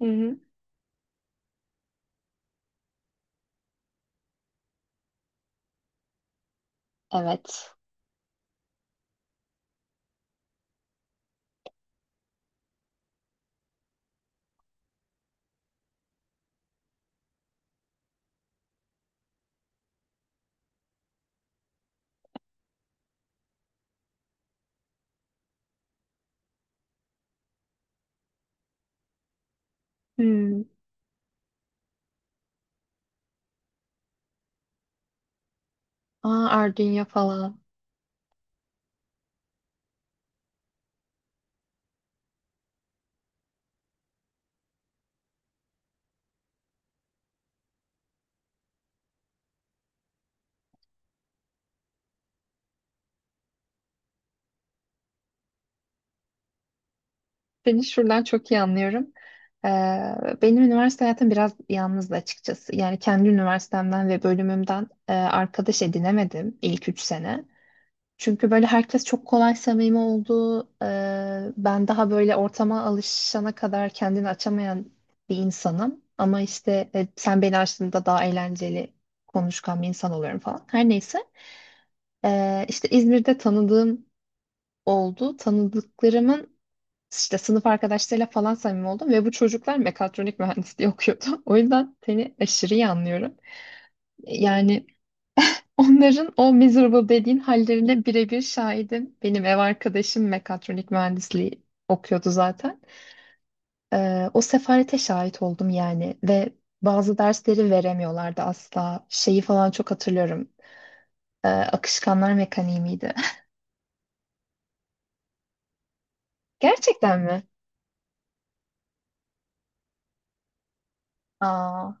Hı hı. Evet. Hmm. Arduino falan. Seni şuradan çok iyi anlıyorum. Ee, benim üniversite hayatım biraz yalnızdı açıkçası. Yani kendi üniversitemden ve bölümümden arkadaş edinemedim ilk üç sene. Çünkü böyle herkes çok kolay samimi oldu. Ben daha böyle ortama alışana kadar kendini açamayan bir insanım. Ama işte sen beni açtığında daha eğlenceli konuşkan bir insan oluyorum falan. Her neyse. İşte İzmir'de tanıdığım oldu. Tanıdıklarımın işte sınıf arkadaşlarıyla falan samimi oldum ve bu çocuklar mekatronik mühendisliği okuyordu. O yüzden seni aşırı iyi anlıyorum. Yani onların o miserable dediğin hallerine birebir şahidim. Benim ev arkadaşım mekatronik mühendisliği okuyordu zaten. O sefalete şahit oldum yani ve bazı dersleri veremiyorlardı asla. Şeyi falan çok hatırlıyorum. Akışkanlar mekaniği miydi? Gerçekten mi? Aa,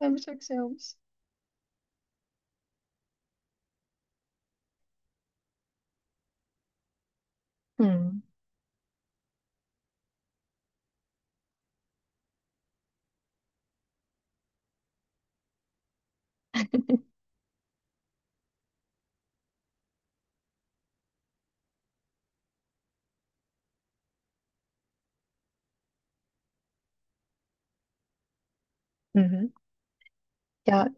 ben bu çok şey olmuş. Hmm. Hı hı. Ya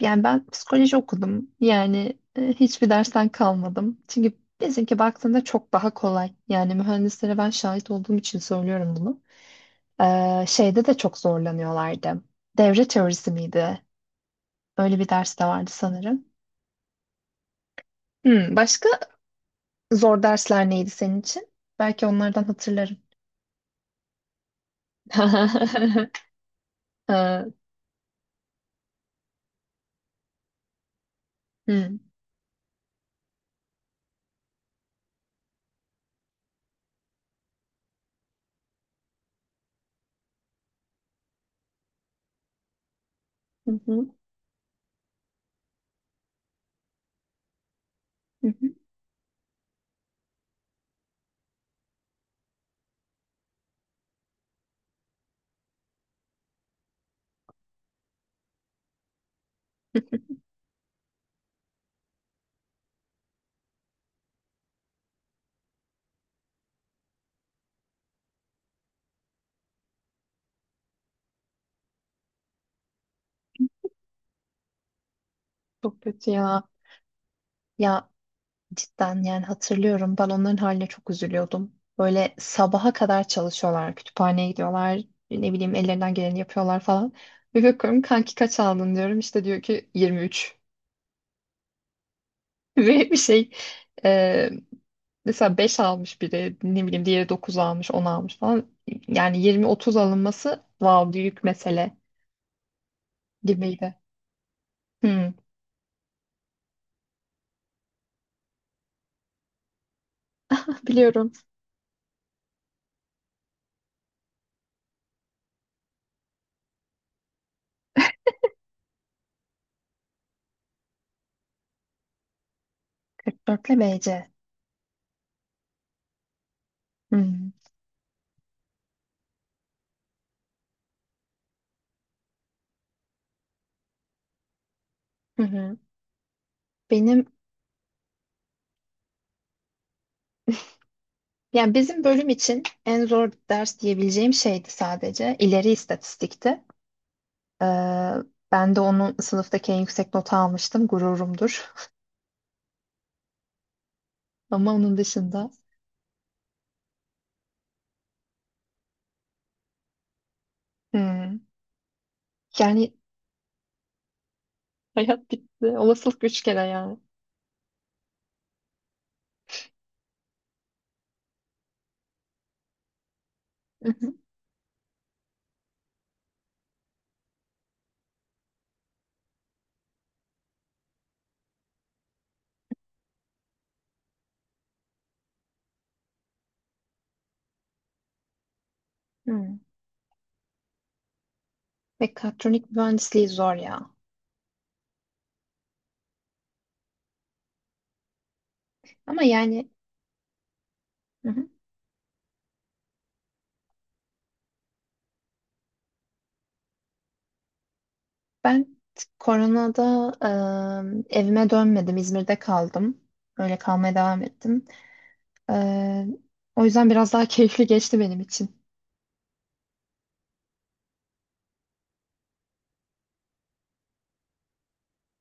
yani ben psikoloji okudum. Yani hiçbir dersten kalmadım. Çünkü bizimki baktığında çok daha kolay. Yani mühendislere ben şahit olduğum için söylüyorum bunu. Şeyde de çok zorlanıyorlardı. Devre teorisi miydi? Öyle bir ders de vardı sanırım. Hmm, başka zor dersler neydi senin için? Belki onlardan hatırlarım. Ee, hmm. Hı hı, hı hı. Çok kötü ya. Ya, cidden yani hatırlıyorum, ben onların haline çok üzülüyordum. Böyle sabaha kadar çalışıyorlar, kütüphaneye gidiyorlar, ne bileyim ellerinden geleni yapıyorlar falan. Bir bakıyorum kanki kaç aldın diyorum, işte diyor ki 23. Ve bir e, mesela 5 almış biri, ne bileyim diğeri 9 almış 10 almış falan. Yani 20-30 alınması wow büyük mesele gibiydi. Hmm. Biliyorum. 44 ile BC. Hmm. Hı hı. Benim Yani bizim bölüm için en zor ders diyebileceğim şeydi sadece. İleri istatistikti. Ee, ben de onu sınıftaki en yüksek nota almıştım. Gururumdur. Ama onun dışında hmm, yani hayat bitti. Olasılık üç kere ya. Hı hı. Hmm. Mekatronik mühendisliği zor ya. Ama yani hı hı. Ben koronada, evime dönmedim. İzmir'de kaldım. Öyle kalmaya devam ettim. Ee, o yüzden biraz daha keyifli geçti benim için.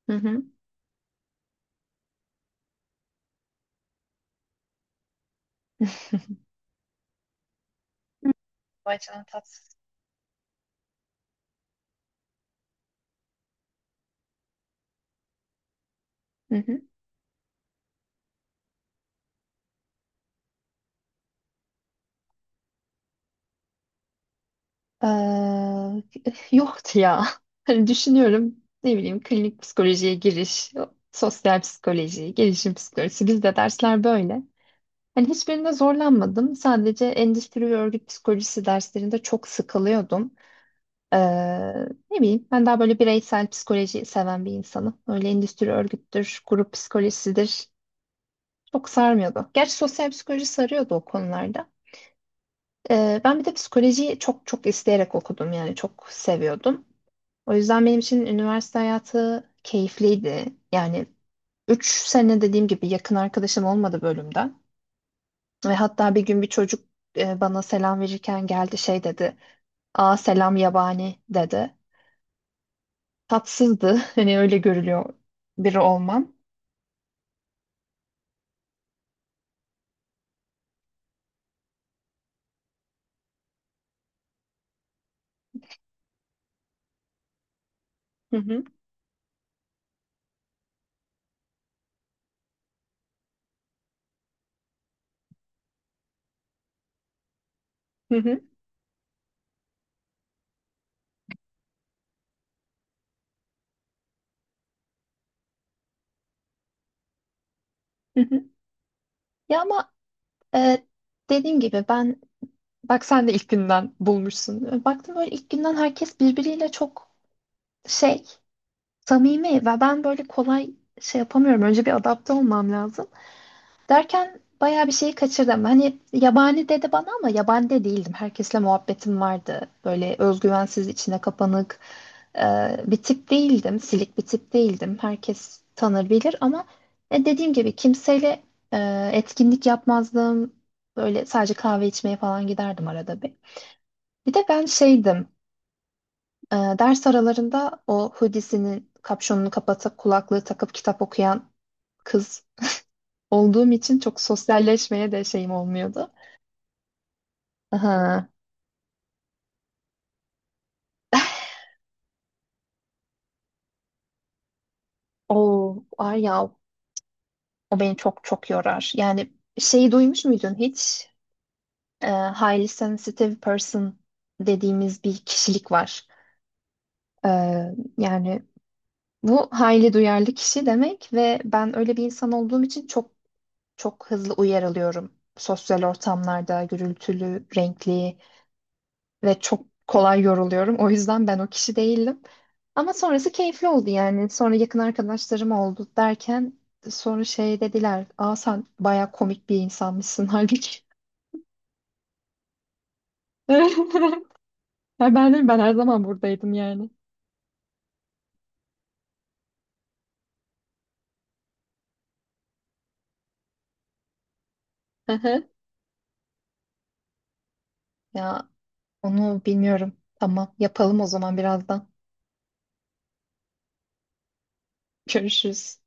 Hı hı. O açıdan tatsız. Hı hı. Eee, yoktu ya. Hani düşünüyorum, ne bileyim klinik psikolojiye giriş, sosyal psikoloji, gelişim psikolojisi, bizde dersler böyle. Hani hiçbirinde zorlanmadım. Sadece endüstri ve örgüt psikolojisi derslerinde çok sıkılıyordum. Ne bileyim ben daha böyle bireysel psikoloji seven bir insanım. Öyle endüstri örgüttür, grup psikolojisidir. Çok sarmıyordu. Gerçi sosyal psikoloji sarıyordu o konularda. Ben bir de psikolojiyi çok çok isteyerek okudum yani, çok seviyordum. O yüzden benim için üniversite hayatı keyifliydi. Yani 3 sene, dediğim gibi yakın arkadaşım olmadı bölümden. Ve hatta bir gün bir çocuk bana selam verirken geldi şey dedi. Aa selam yabani dedi. Tatsızdı. Hani öyle görülüyor biri olmam. Hı hı, hı hı, hı hı. Ya ama e, dediğim gibi ben, bak sen de ilk günden bulmuşsun. Baktım böyle ilk günden herkes birbiriyle çok şey, samimi ve ben böyle kolay şey yapamıyorum. Önce bir adapte olmam lazım. Derken bayağı bir şeyi kaçırdım. Hani yabani dedi bana ama yabani de değildim. Herkesle muhabbetim vardı. Böyle özgüvensiz, içine kapanık e, bir tip değildim. Silik bir tip değildim. Herkes tanır bilir ama dediğim gibi kimseyle etkinlik yapmazdım. Böyle sadece kahve içmeye falan giderdim arada bir. Bir de ben şeydim. Ders aralarında o hoodiesinin kapşonunu kapatıp kulaklığı takıp kitap okuyan kız olduğum için çok sosyalleşmeye de şeyim olmuyordu. Aha. O var ya, o beni çok çok yorar. Yani şeyi duymuş muydun hiç? Highly sensitive person dediğimiz bir kişilik var. Ee, yani bu highly duyarlı kişi demek ve ben öyle bir insan olduğum için çok çok hızlı uyarılıyorum. Sosyal ortamlarda gürültülü, renkli, ve çok kolay yoruluyorum. O yüzden ben o kişi değildim. Ama sonrası keyifli oldu yani. Sonra yakın arkadaşlarım oldu derken sonra şey dediler. Aa sen baya komik bir insanmışsın halbuki. Ya ben de, ben her zaman buradaydım yani. Hı hı. Ya onu bilmiyorum. Tamam, yapalım o zaman birazdan. Görüşürüz.